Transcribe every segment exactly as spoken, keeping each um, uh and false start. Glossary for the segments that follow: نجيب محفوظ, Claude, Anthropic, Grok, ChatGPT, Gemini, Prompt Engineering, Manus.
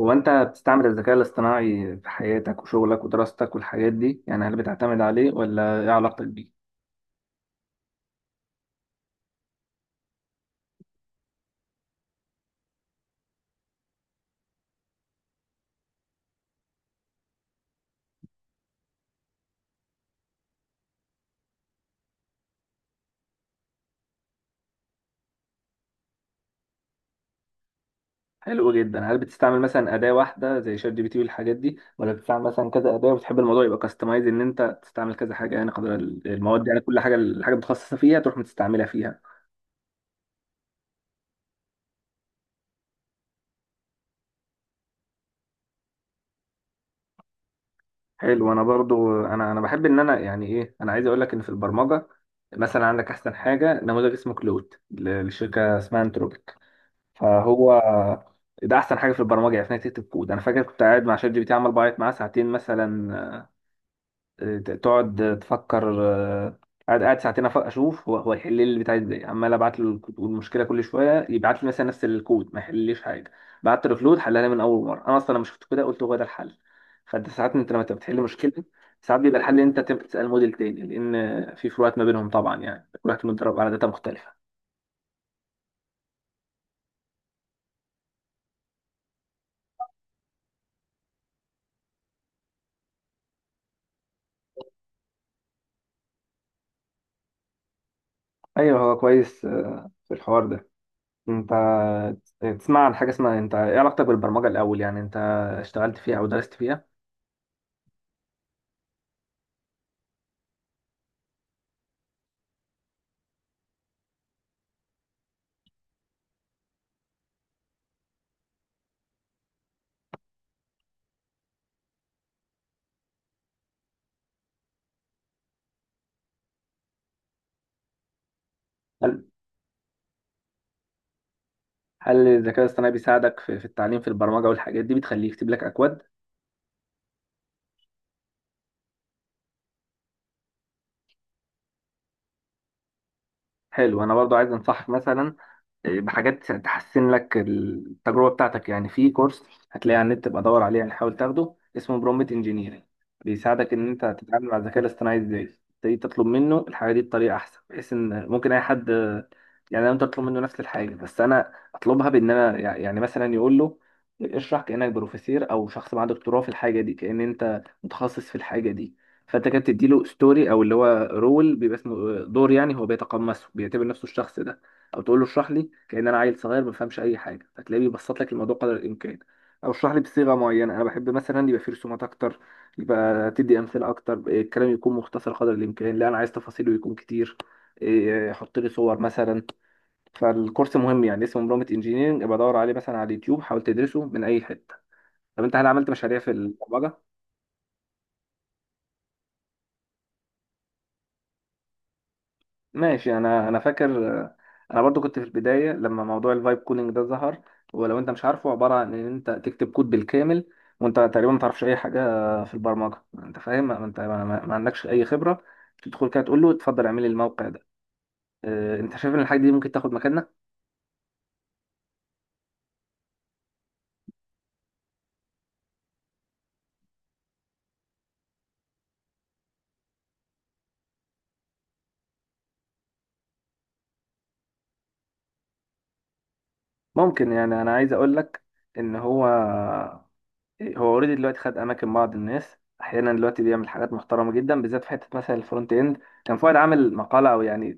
هو انت بتستعمل الذكاء الاصطناعي في حياتك وشغلك ودراستك والحاجات دي، يعني هل بتعتمد عليه ولا ايه علاقتك بيه؟ حلو جدا. هل بتستعمل مثلا اداة واحدة زي شات جي بي تي والحاجات دي، ولا بتستعمل مثلا كذا اداة وبتحب الموضوع يبقى كاستمايز ان انت تستعمل كذا حاجة؟ يعني قدر ال- المواد، يعني كل حاجة الحاجة متخصصة فيها تروح متستعملها فيها. حلو. انا برضو انا انا بحب ان انا، يعني ايه، انا عايز اقول لك ان في البرمجة مثلا عندك احسن حاجة، نموذج اسمه كلود للشركة اسمها انتروبيك، فهو ده احسن حاجه في البرمجه، يعني انك تكتب كود. انا فاكر كنت قاعد مع شات جي بي تي عمال بعيط معاه ساعتين مثلا. آه، تقعد تفكر، آه، قاعد قاعد ساعتين، أف- اشوف هو هو يحل لي اللي بتاعي ازاي. عمال ابعت له الكود والمشكله كل شويه يبعت لي مثلا نفس الكود ما يحلليش حاجه. بعت له كود حلها لي من اول مره. انا اصلا لما شفت كده قلت هو ده الحل. فانت ساعات، انت لما تبقى بتحل مشكله ساعات بيبقى الحل ان انت تبقى تسال موديل تاني، لان في فروقات ما بينهم طبعا، يعني كل واحد متدرب على داتا مختلفه. ايوه، هو كويس آه، في الحوار ده. انت تسمع عن حاجة اسمها، انت ايه علاقتك بالبرمجة الأول؟ يعني انت اشتغلت فيها أو درست فيها؟ هل هل الذكاء الاصطناعي بيساعدك في, في التعليم في البرمجة والحاجات دي، بتخليه يكتب لك أكواد؟ حلو. أنا برضو عايز أنصحك مثلا آه، بحاجات تحسن لك التجربة بتاعتك. يعني في كورس هتلاقيه على النت تبقى دور عليه، يعني حاول تاخده، اسمه برومبت انجينيرنج. بيساعدك ان انت تتعامل مع الذكاء الاصطناعي ازاي، تبتدي تطلب منه الحاجة دي بطريقة احسن. بحيث ان ممكن اي حد، يعني انا ممكن اطلب منه نفس الحاجة بس انا اطلبها بان انا، يعني مثلا يقول له اشرح كأنك بروفيسير او شخص معاه دكتوراه في الحاجة دي، كأن انت متخصص في الحاجة دي. فانت كده بتديله ستوري، او اللي هو رول، بيبقى اسمه آه، دور. يعني هو بيتقمصه، بيعتبر نفسه الشخص ده. او تقول له اشرح لي كأن انا عيل صغير ما بفهمش اي حاجه، هتلاقيه بيبسط لك الموضوع قدر الامكان. او اشرح لي بصيغه معينه انا بحب، مثلا يبقى فيه رسومات اكتر، يبقى تدي امثله اكتر، إيه، الكلام يكون مختصر قدر الامكان. لا انا عايز تفاصيله يكون كتير. إيه، حط لي صور مثلا. فالكورس مهم، يعني اسمه مرومت انجينيرنج، ابقى دور عليه مثلا على اليوتيوب، حاول تدرسه من اي حته. طب انت هل عملت مشاريع في البرمجه؟ ماشي. انا انا فاكر آه، انا برضو كنت في البدايه لما موضوع الفايب كولينج ده ظهر. ولو انت مش عارفه، عباره عن ان انت تكتب كود بالكامل وانت تقريبا ما تعرفش اي حاجه في البرمجه، انت فاهم، ما انت ما, ما ما عندكش اي خبره، تدخل كده تقول له اتفضل اعمل لي الموقع ده. آه، انت شايف ان الحاجه دي ممكن تاخد مكاننا؟ ممكن. يعني انا عايز اقول لك ان هو هو اوريدي دلوقتي خد اماكن بعض الناس، احيانا دلوقتي بيعمل حاجات محترمه جدا، بالذات في حته مثلا الفرونت اند. كان فؤاد عامل مقاله او يعني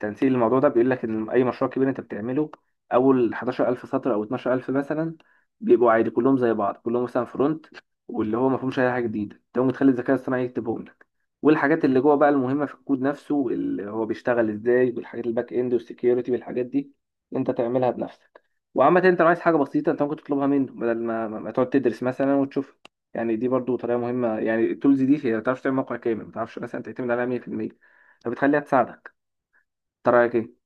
تنسيق للموضوع ده، بيقول لك ان اي مشروع كبير انت بتعمله، اول حداشر الف سطر او اتناشر الف مثلا بيبقوا عادي كلهم زي بعض، كلهم مثلا فرونت. واللي هو ما فيهمش اي حاجه جديده، انت ممكن تخلي الذكاء الاصطناعي يكتبهم لك. والحاجات اللي جوه بقى المهمه في الكود نفسه اللي هو بيشتغل ازاي، والحاجات الباك اند والسكيورتي والحاجات دي انت تعملها بنفسك. وعامة انت لو عايز حاجة بسيطة انت ممكن تطلبها منه، بدل ما, ما ما تقعد تدرس مثلا وتشوفها. يعني دي برضو طريقة مهمة، يعني التولز دي هي ما تعرفش تعمل موقع كامل، ما تعرفش مثلا تعتمد عليها ميه في الميه، فبتخليها تساعدك. انت رأيك ايه؟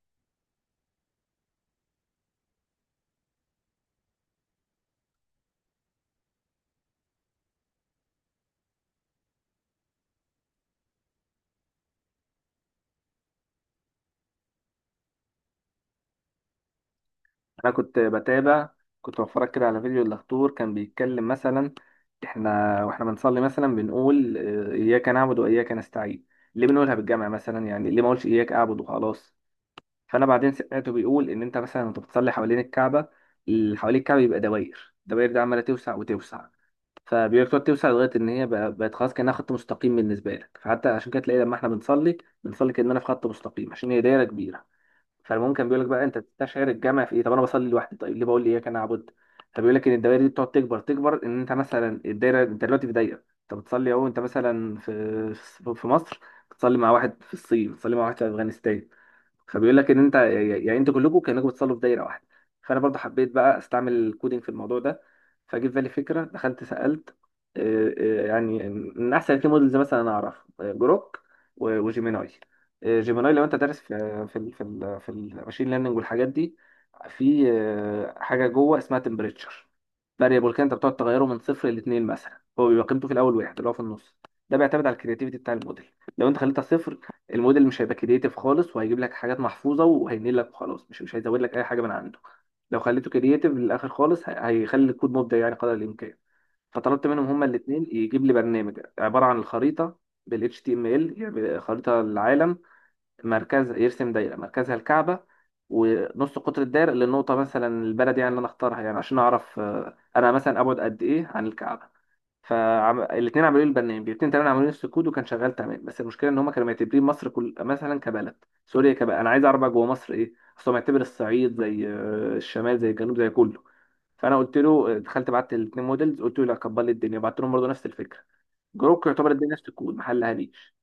انا كنت بتابع، كنت بتفرج كده على فيديو الدكتور كان بيتكلم مثلا، احنا واحنا بنصلي مثلا بنقول اه، اياك نعبد واياك نستعين. ليه بنقولها بالجمع مثلا؟ يعني ليه ما اقولش اياك اعبد وخلاص؟ فانا بعدين سمعته بيقول ان انت مثلا وانت بتصلي حوالين الكعبة، اللي حوالين الكعبة يبقى دواير، الدواير دي عمالة توسع وتوسع. فبيقول لك تقعد توسع لغايه ان هي بقى- بقت خلاص كانها خط مستقيم بالنسبه لك. فحتى عشان كده تلاقي لما احنا بنصلي، بنصلي كاننا في خط مستقيم عشان هي دايره كبيره. فالممكن بيقول لك بقى انت بتستشعر الجمع في ايه؟ طب انا بصلي لوحدي، طيب ليه بقول لي اياك انا اعبد؟ فبيقول لك ان الدوائر دي بتقعد تكبر تكبر، ان انت مثلا الدايره، انت دلوقتي في دايره انت بتصلي اهو. انت مثلا في في في مصر، بتصلي مع واحد في الصين، بتصلي مع واحد في افغانستان. فبيقول لك ان انت، يعني انتوا كلكم كانكم بتصلوا في دايره واحده. فانا برضه حبيت بقى استعمل الكودينج في الموضوع ده. فجه في بالي فكره، دخلت سالت آه، آه، يعني من احسن اتنين مودلز مثلا انا اعرف آه، جروك و- وجيميناي. آه، جيميناي، لو انت دارس في في ال في ال في الماشين ليرنينج والحاجات دي، في آه، حاجه جوه اسمها تمبريتشر فاريبل كده، انت بتقعد تغيره من صفر لاتنين مثلا. هو بيبقى قيمته في الاول واحد اللي هو في النص. ده بيعتمد على الكرياتيفيتي بتاع الموديل. لو انت خليتها صفر، الموديل مش هيبقى كرييتيف خالص، وهيجيب لك حاجات محفوظه وهينقل لك وخلاص، مش مش هيزود لك اي حاجه من عنده. لو خليته كرييتيف للاخر خالص، هي- هيخلي الكود مبدع يعني قدر الامكان. فطلبت منهم هما الاثنين يجيب لي برنامج عباره عن الخريطه بال اتش تي ام ال، يعني خريطه العالم، مركزها يرسم دايره مركزها الكعبه، ونص قطر الدايره للنقطه مثلا البلد يعني اللي انا اختارها، يعني عشان اعرف آه، انا مثلا ابعد قد ايه عن الكعبه. فالاثنين عملوا لي البرنامج. الاثنين تمام عملوا لي نفس الكود وكان شغال تمام، بس المشكله ان هم كانوا معتبرين مصر كل مثلا كبلد، سوريا كبلد. انا عايز اعرف بقى جوه مصر ايه، اصل هو معتبر الصعيد زي آه، الشمال زي الجنوب زي كله. فانا قلت له، دخلت بعت الاثنين موديلز قلت له لا كبر لي الدنيا، بعت لهم برضه نفس الفكره. جروك يعتبر الدنيا نفس الكود ما حلهاليش.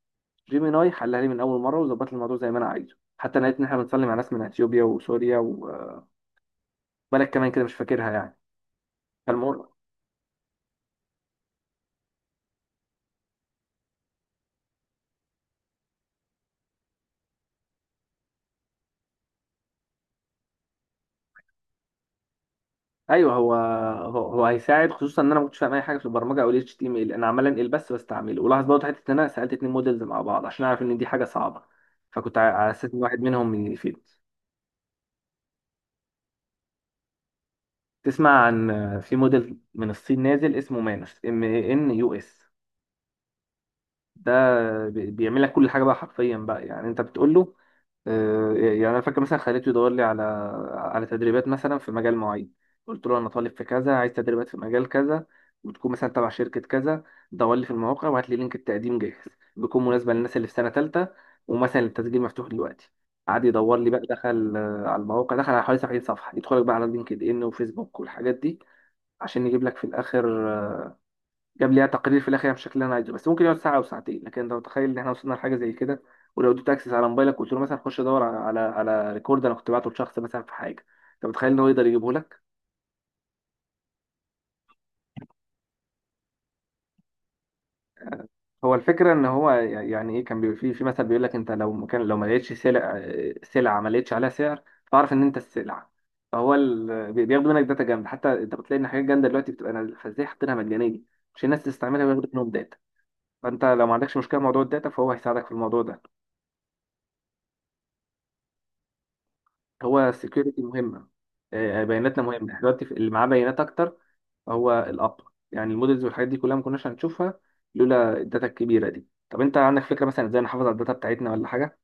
جيميناي حلها لي من اول مره وظبط لي الموضوع زي ما انا عايزه. حتى انا لقيت ان احنا بنصلي مع ناس من اثيوبيا وسوريا وبلد كمان كده مش فاكرها يعني. فالمهم، ايوه هو هو, هو هيساعد، خصوصا ان انا ما كنتش فاهم اي حاجه في البرمجه او ال اتش تي ام ال، انا عمال انقل بس بستعمله. ولاحظ برضه حته ان انا سالت اتنين موديلز مع بعض عشان اعرف ان دي حاجه صعبه. فكنت ع- على اساس ان واحد منهم من يفيد. تسمع عن، في موديل من الصين نازل اسمه مانوس ام ان يو اس. ده بي- بيعمل لك كل حاجه بقى حرفيا بقى، يعني انت بتقول له آه، يعني انا فاكر مثلا خليته يدور لي على على تدريبات مثلا في مجال معين. قلت له انا طالب في كذا، عايز تدريبات في مجال كذا، وتكون مثلا تبع شركه كذا، دور لي في المواقع وهات لي لينك التقديم جاهز، بيكون مناسبه للناس اللي في سنه ثالثه، ومثلا التسجيل مفتوح دلوقتي. قعد يدور لي بقى، دخل آه، على المواقع، دخل على حوالي سبعين صفحه، يدخلك بقى على لينكد ان وفيسبوك والحاجات دي، عشان يجيب لك في الاخر آه، جاب لي تقرير في الاخر بالشكل اللي انا عايزه، بس ممكن يقعد ساعه او ساعتين، لكن انت متخيل ان احنا وصلنا لحاجه زي كده؟ ولو اديت اكسس على موبايلك قلت له مثلا خش دور على على على ريكورد انا كنت بعته لشخص مثلا في حاجه، انت متخيل ان هو يقدر يجيبه لك؟ هو الفكره ان هو، يعني ايه، كان بيبقى في في مثل بيقول لك انت لو مكان، لو ما لقيتش سلع سلعه ما لقيتش عليها سعر، فاعرف ان انت السلعه. فهو ال... بي- بياخدوا منك داتا جامده، حتى انت بتلاقي ان حاجات جامده دلوقتي بتبقى نازله، فازاي حاطينها مجانيه؟ عشان الناس تستعملها وياخدوا منهم داتا. فانت لو ما عندكش مشكله مع موضوع الداتا، فهو هيساعدك في الموضوع ده. هو السكيورتي مهمه، آه، بياناتنا مهمه، احنا دلوقتي في- اللي معاه بيانات اكتر. هو الاب، يعني المودلز والحاجات دي كلها ما كناش هنشوفها لولا الداتا الكبيره دي. طب انت عندك فكره مثلا ازاي نحافظ على الداتا بتاعتنا ولا حاجه؟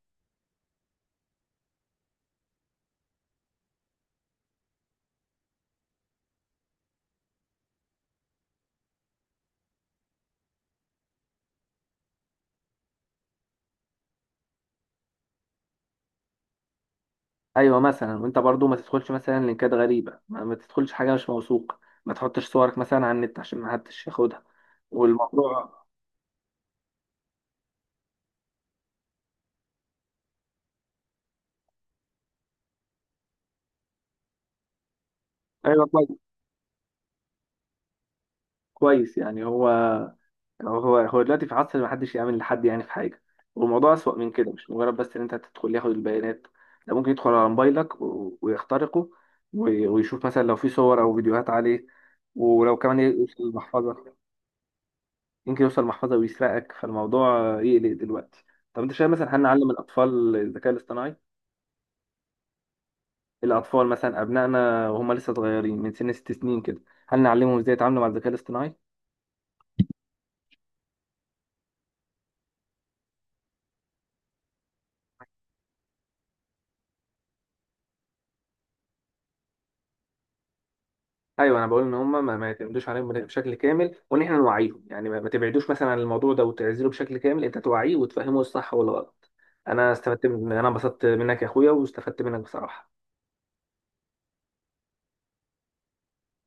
ايوه، مثلا وانت برضو ما تدخلش مثلا لينكات غريبه، ما, ما تدخلش حاجه مش موثوق. ما تحطش صورك مثلا على النت عشان ما حدش ياخدها والموضوع. ايوه كويس، كويس يعني. هو هو هو دلوقتي في عصر ما حدش يأمن لحد، يعني في حاجة. والموضوع أسوأ من كده، مش مجرد بس إن أنت تدخل ياخد البيانات. ده ممكن يدخل على موبايلك و- ويخترقه، و- ويشوف مثلا لو في صور أو فيديوهات عليه، ولو كمان يوصل المحفظة، يمكن يوصل المحفظة ويسرقك. فالموضوع يقلق دلوقتي. طب أنت شايف مثلا هنعلم الأطفال الذكاء الاصطناعي؟ الأطفال مثلا أبنائنا وهم لسه صغيرين من سن ست سنين كده، هل نعلمهم إزاي يتعاملوا مع الذكاء الاصطناعي؟ ايوه. انا بقول ان هم ما, ما يعتمدوش عليهم بشكل كامل، وان احنا نوعيهم. يعني ما, ما تبعدوش مثلا عن الموضوع ده وتعزله بشكل كامل، انت توعيه وتفهمه الصح والغلط. انا استفدت من انا انبسطت منك يا اخويا واستفدت منك بصراحه.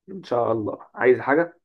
ان شاء الله. عايز حاجه؟